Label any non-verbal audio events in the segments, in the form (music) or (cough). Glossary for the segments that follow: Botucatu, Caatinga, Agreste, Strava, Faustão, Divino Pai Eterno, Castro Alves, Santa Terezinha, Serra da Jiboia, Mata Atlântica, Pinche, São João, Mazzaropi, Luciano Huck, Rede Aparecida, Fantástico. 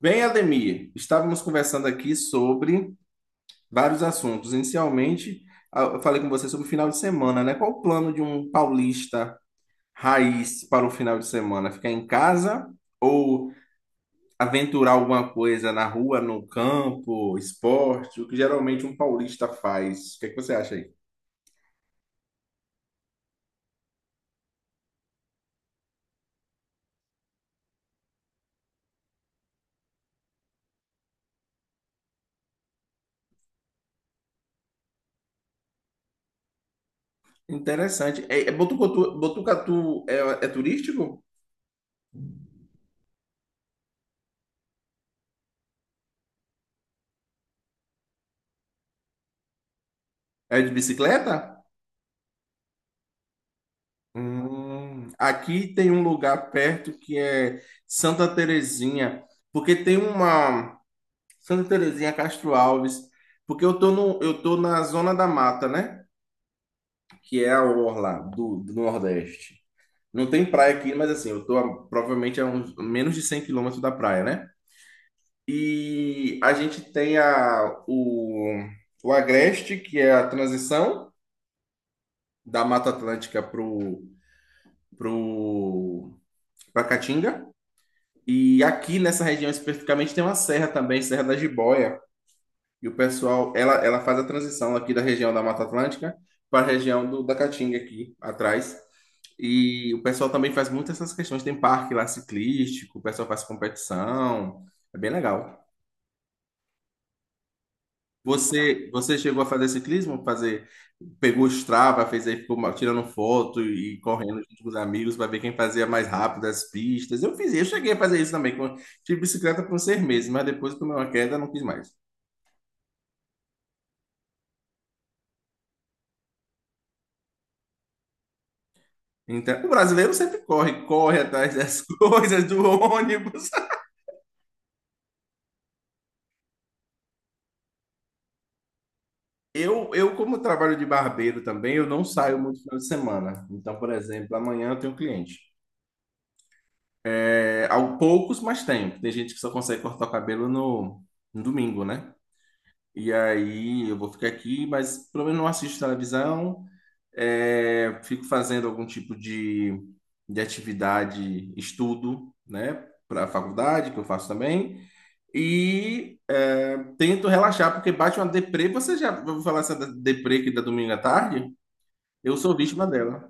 Bem, Ademir, estávamos conversando aqui sobre vários assuntos. Inicialmente, eu falei com você sobre o final de semana, né? Qual o plano de um paulista raiz para o final de semana? Ficar em casa ou aventurar alguma coisa na rua, no campo, esporte, o que geralmente um paulista faz? O que é que você acha aí? Interessante. É Botucatu, Botucatu é turístico? É de bicicleta? Aqui tem um lugar perto que é Santa Terezinha, porque tem uma Santa Terezinha Castro Alves, porque eu tô no, eu tô na Zona da Mata, né? Que é a orla do Nordeste. Não tem praia aqui, mas assim, eu tô provavelmente a uns, menos de 100 quilômetros da praia, né? E a gente tem o Agreste, que é a transição da Mata Atlântica pro, pra Caatinga. E aqui nessa região especificamente tem uma serra também, Serra da Jiboia. E ela faz a transição aqui da região da Mata Atlântica para a região da Caatinga aqui atrás. E o pessoal também faz muito essas questões. Tem parque lá ciclístico, o pessoal faz competição. É bem legal. Você chegou a fazer ciclismo? Pegou o Strava, fez aí, ficou tirando foto e correndo junto com os amigos para ver quem fazia mais rápido as pistas. Eu cheguei a fazer isso também. Tive bicicleta por uns 6 meses, mas depois tomei uma queda, não quis mais. Então, o brasileiro sempre corre, corre atrás das (laughs) coisas, do ônibus. Como trabalho de barbeiro também, eu não saio muito final de semana. Então, por exemplo, amanhã eu tenho cliente. É, há poucos, mas tenho. Tem gente que só consegue cortar o cabelo no domingo, né? E aí eu vou ficar aqui, mas pelo menos não assisto televisão, fico fazendo algum tipo de atividade, estudo, né, para a faculdade, que eu faço também, e tento relaxar, porque bate uma deprê. Você já ouviu falar essa deprê que dá domingo à tarde? Eu sou vítima dela.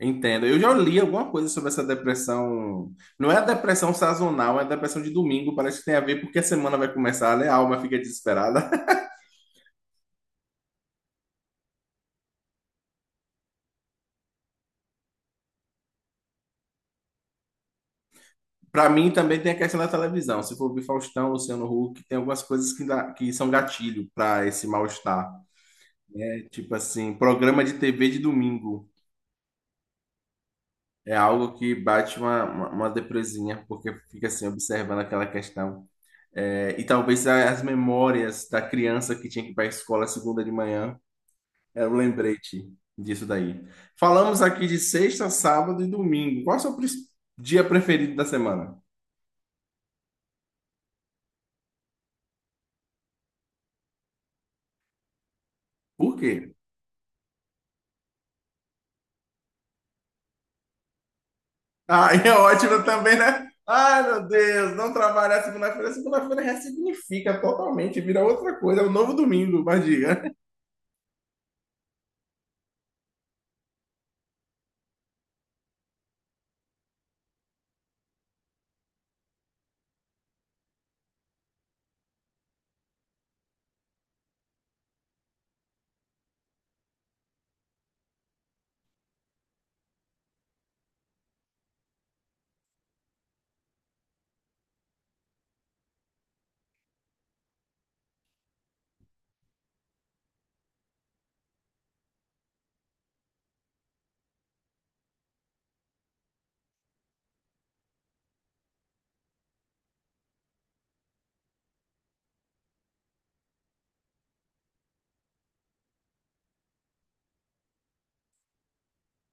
Entendo. Eu já li alguma coisa sobre essa depressão. Não é a depressão sazonal, é a depressão de domingo. Parece que tem a ver porque a semana vai começar, né? A alma fica desesperada. Para mim também tem a questão da televisão. Se for ver Faustão, Luciano Huck, tem algumas coisas que são gatilho para esse mal-estar. É tipo assim, programa de TV de domingo. É algo que bate uma depresinha, porque fica assim, observando aquela questão. E talvez as memórias da criança que tinha que ir para a escola segunda de manhã, era o lembrete disso daí. Falamos aqui de sexta, sábado e domingo. Qual é o seu dia preferido da semana? Por quê? Ah, é ótimo também, né? Ai, meu Deus, não trabalhar segunda-feira. Segunda-feira ressignifica totalmente, vira outra coisa, é um novo domingo, mas diga.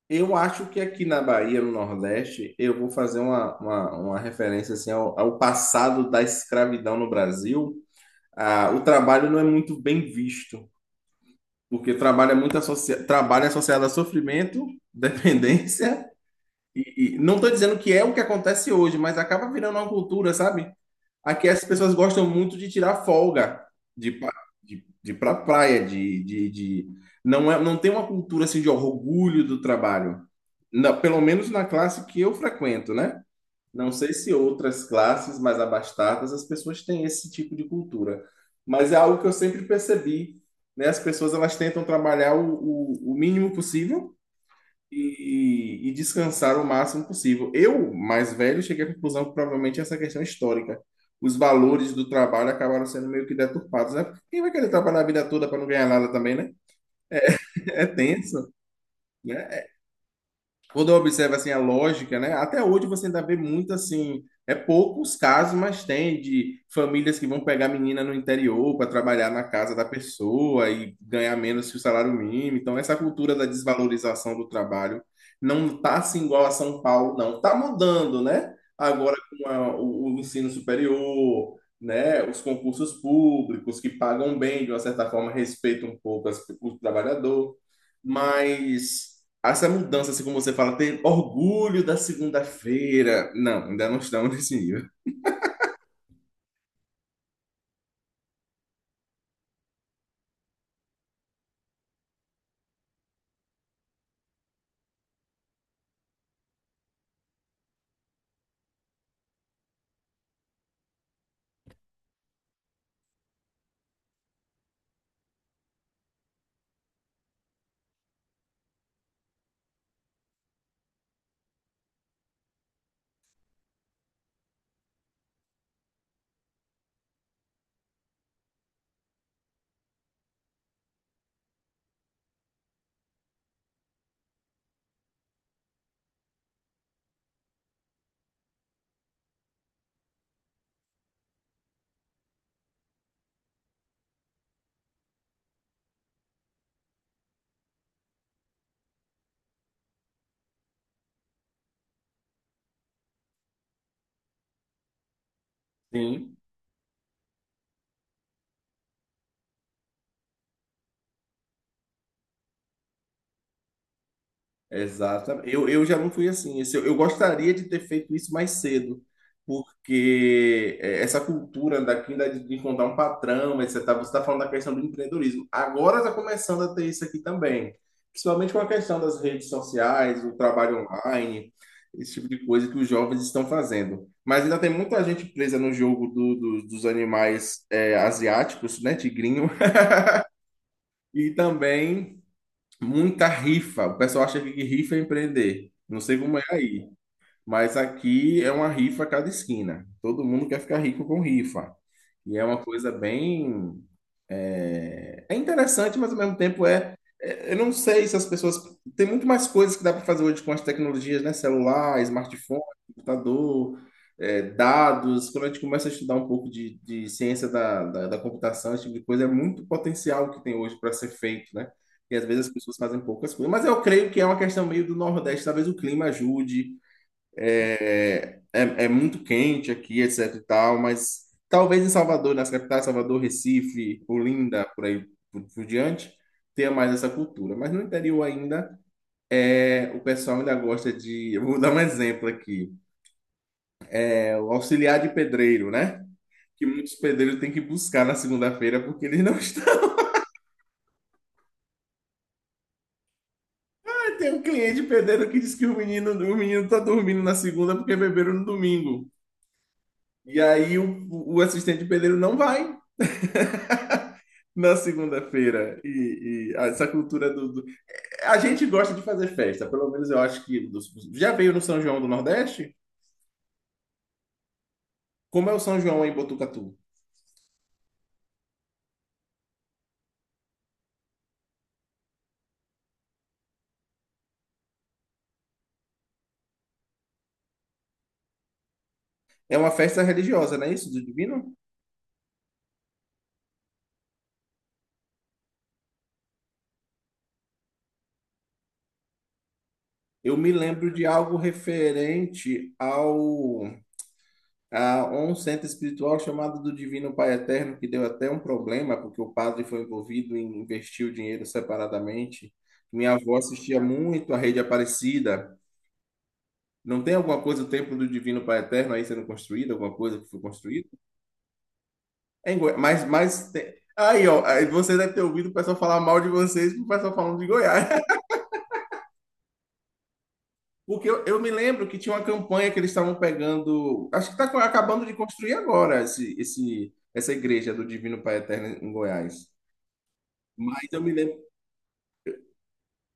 Eu acho que aqui na Bahia, no Nordeste, eu vou fazer uma referência assim, ao passado da escravidão no Brasil. Ah, o trabalho não é muito bem visto, porque trabalho é associado a sofrimento, (laughs) dependência. E não estou dizendo que é o que acontece hoje, mas acaba virando uma cultura, sabe? Aqui as pessoas gostam muito de tirar folga, de, pa- de ir pra praia. Não é, não tem uma cultura assim de orgulho do trabalho. Pelo menos na classe que eu frequento, né? Não sei se outras classes mais abastadas as pessoas têm esse tipo de cultura. Mas é algo que eu sempre percebi, né? As pessoas elas tentam trabalhar o mínimo possível e descansar o máximo possível. Eu, mais velho, cheguei à conclusão que provavelmente essa questão é histórica. Os valores do trabalho acabaram sendo meio que deturpados, né? Quem vai querer trabalhar a vida toda para não ganhar nada também, né? (laughs) É tenso, né? Quando observa assim a lógica, né? Até hoje você ainda vê muito assim, é poucos casos, mas tem de famílias que vão pegar menina no interior para trabalhar na casa da pessoa e ganhar menos que o salário mínimo. Então essa cultura da desvalorização do trabalho não tá assim igual a São Paulo, não. Tá mudando, né? Agora com o ensino superior, né? Os concursos públicos que pagam bem, de uma certa forma respeitam um pouco o trabalhador, mas essa mudança, assim como você fala, ter orgulho da segunda-feira. Não, ainda não estamos nesse nível. Sim. Exatamente. Eu já não fui assim. Eu gostaria de ter feito isso mais cedo, porque essa cultura daqui de encontrar um patrão, etc. Você tá falando da questão do empreendedorismo. Agora está começando a ter isso aqui também, principalmente com a questão das redes sociais, o trabalho online, esse tipo de coisa que os jovens estão fazendo. Mas ainda tem muita gente presa no jogo dos animais asiáticos, né, tigrinho, (laughs) e também muita rifa. O pessoal acha que rifa é empreender. Não sei como é aí. Mas aqui é uma rifa a cada esquina. Todo mundo quer ficar rico com rifa. E é uma coisa bem. É interessante, mas ao mesmo tempo eu não sei se as pessoas. Tem muito mais coisas que dá para fazer hoje com as tecnologias, né? Celular, smartphone, computador, dados. Quando a gente começa a estudar um pouco de ciência da computação, esse tipo de coisa, é muito potencial que tem hoje para ser feito, né? E às vezes as pessoas fazem poucas coisas. Mas eu creio que é uma questão meio do Nordeste. Talvez o clima ajude. É muito quente aqui, etc e tal, mas talvez em Salvador, nas capitais, Salvador, Recife, Olinda, por aí por diante, tenha mais essa cultura. Mas no interior ainda, o pessoal ainda gosta de. Eu vou dar um exemplo aqui: é o auxiliar de pedreiro, né? Que muitos pedreiros têm que buscar na segunda-feira porque eles não (laughs) estão. Tem um cliente pedreiro que diz que o menino tá dormindo na segunda porque beberam no domingo. E aí o assistente pedreiro não vai na segunda-feira e essa cultura. A gente gosta de fazer festa, pelo menos eu acho que. Já veio no São João do Nordeste? Como é o São João em Botucatu? É uma festa religiosa, não é isso, do Divino? Eu me lembro de algo referente ao. A um centro espiritual chamado do Divino Pai Eterno, que deu até um problema, porque o padre foi envolvido em investir o dinheiro separadamente. Minha avó assistia muito a Rede Aparecida. Não tem alguma coisa, o templo do Divino Pai Eterno aí sendo construído, alguma coisa que foi construída? É em Goiás. Mas tem... Aí, ó, aí você deve ter ouvido o pessoal falar mal de vocês, o pessoal falando de Goiás. (laughs) Porque eu me lembro que tinha uma campanha que eles estavam pegando. Acho que está acabando de construir agora essa igreja do Divino Pai Eterno em Goiás. Mas eu me lembro.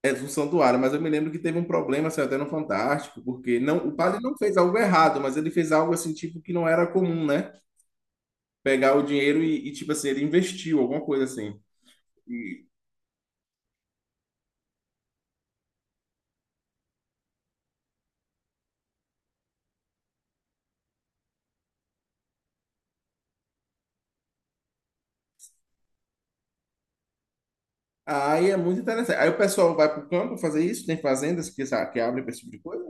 É um santuário, mas eu me lembro que teve um problema, saiu até no Fantástico, porque não, o padre não fez algo errado, mas ele fez algo assim, tipo, que não era comum, né? Pegar o dinheiro e, tipo assim, ele investiu, alguma coisa assim. E aí é muito interessante. Aí o pessoal vai pro campo fazer isso, tem fazendas que abrem pra esse tipo de coisa.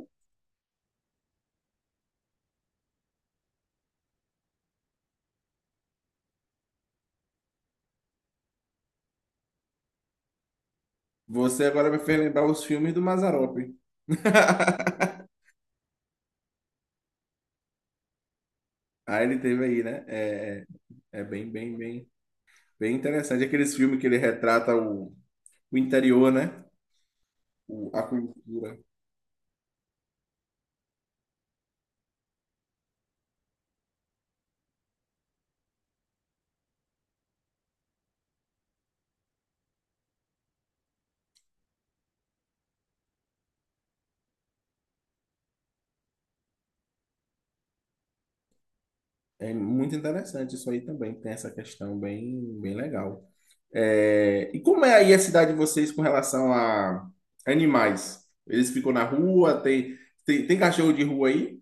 Você agora me fez lembrar os filmes do Mazzaropi. (laughs) Aí ele teve aí, né? É bem, bem, bem, bem interessante. Aqueles filmes que ele retrata o interior, né? A cultura. É muito interessante isso aí também, tem essa questão bem, bem legal. E como é aí a cidade de vocês com relação a animais? Eles ficam na rua, tem cachorro de rua aí?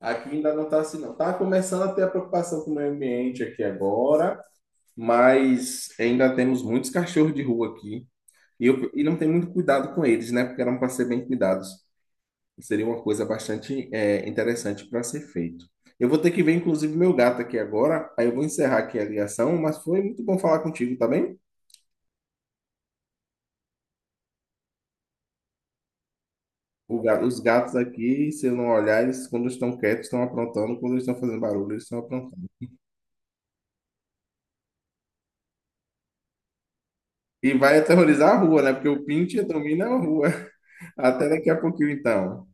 Aqui ainda não está assim, não. Está começando a ter a preocupação com o meio ambiente aqui agora, mas ainda temos muitos cachorros de rua aqui. E não tem muito cuidado com eles, né? Porque eram para ser bem cuidados. Seria uma coisa bastante interessante para ser feito. Eu vou ter que ver, inclusive, meu gato aqui agora. Aí eu vou encerrar aqui a ligação, mas foi muito bom falar contigo, tá bem? Os gatos aqui, se eu não olhar, eles quando estão quietos estão aprontando, quando eles estão fazendo barulho, eles estão aprontando. E vai aterrorizar a rua, né? Porque o Pinche domina a rua. (laughs) Até daqui a pouquinho, então.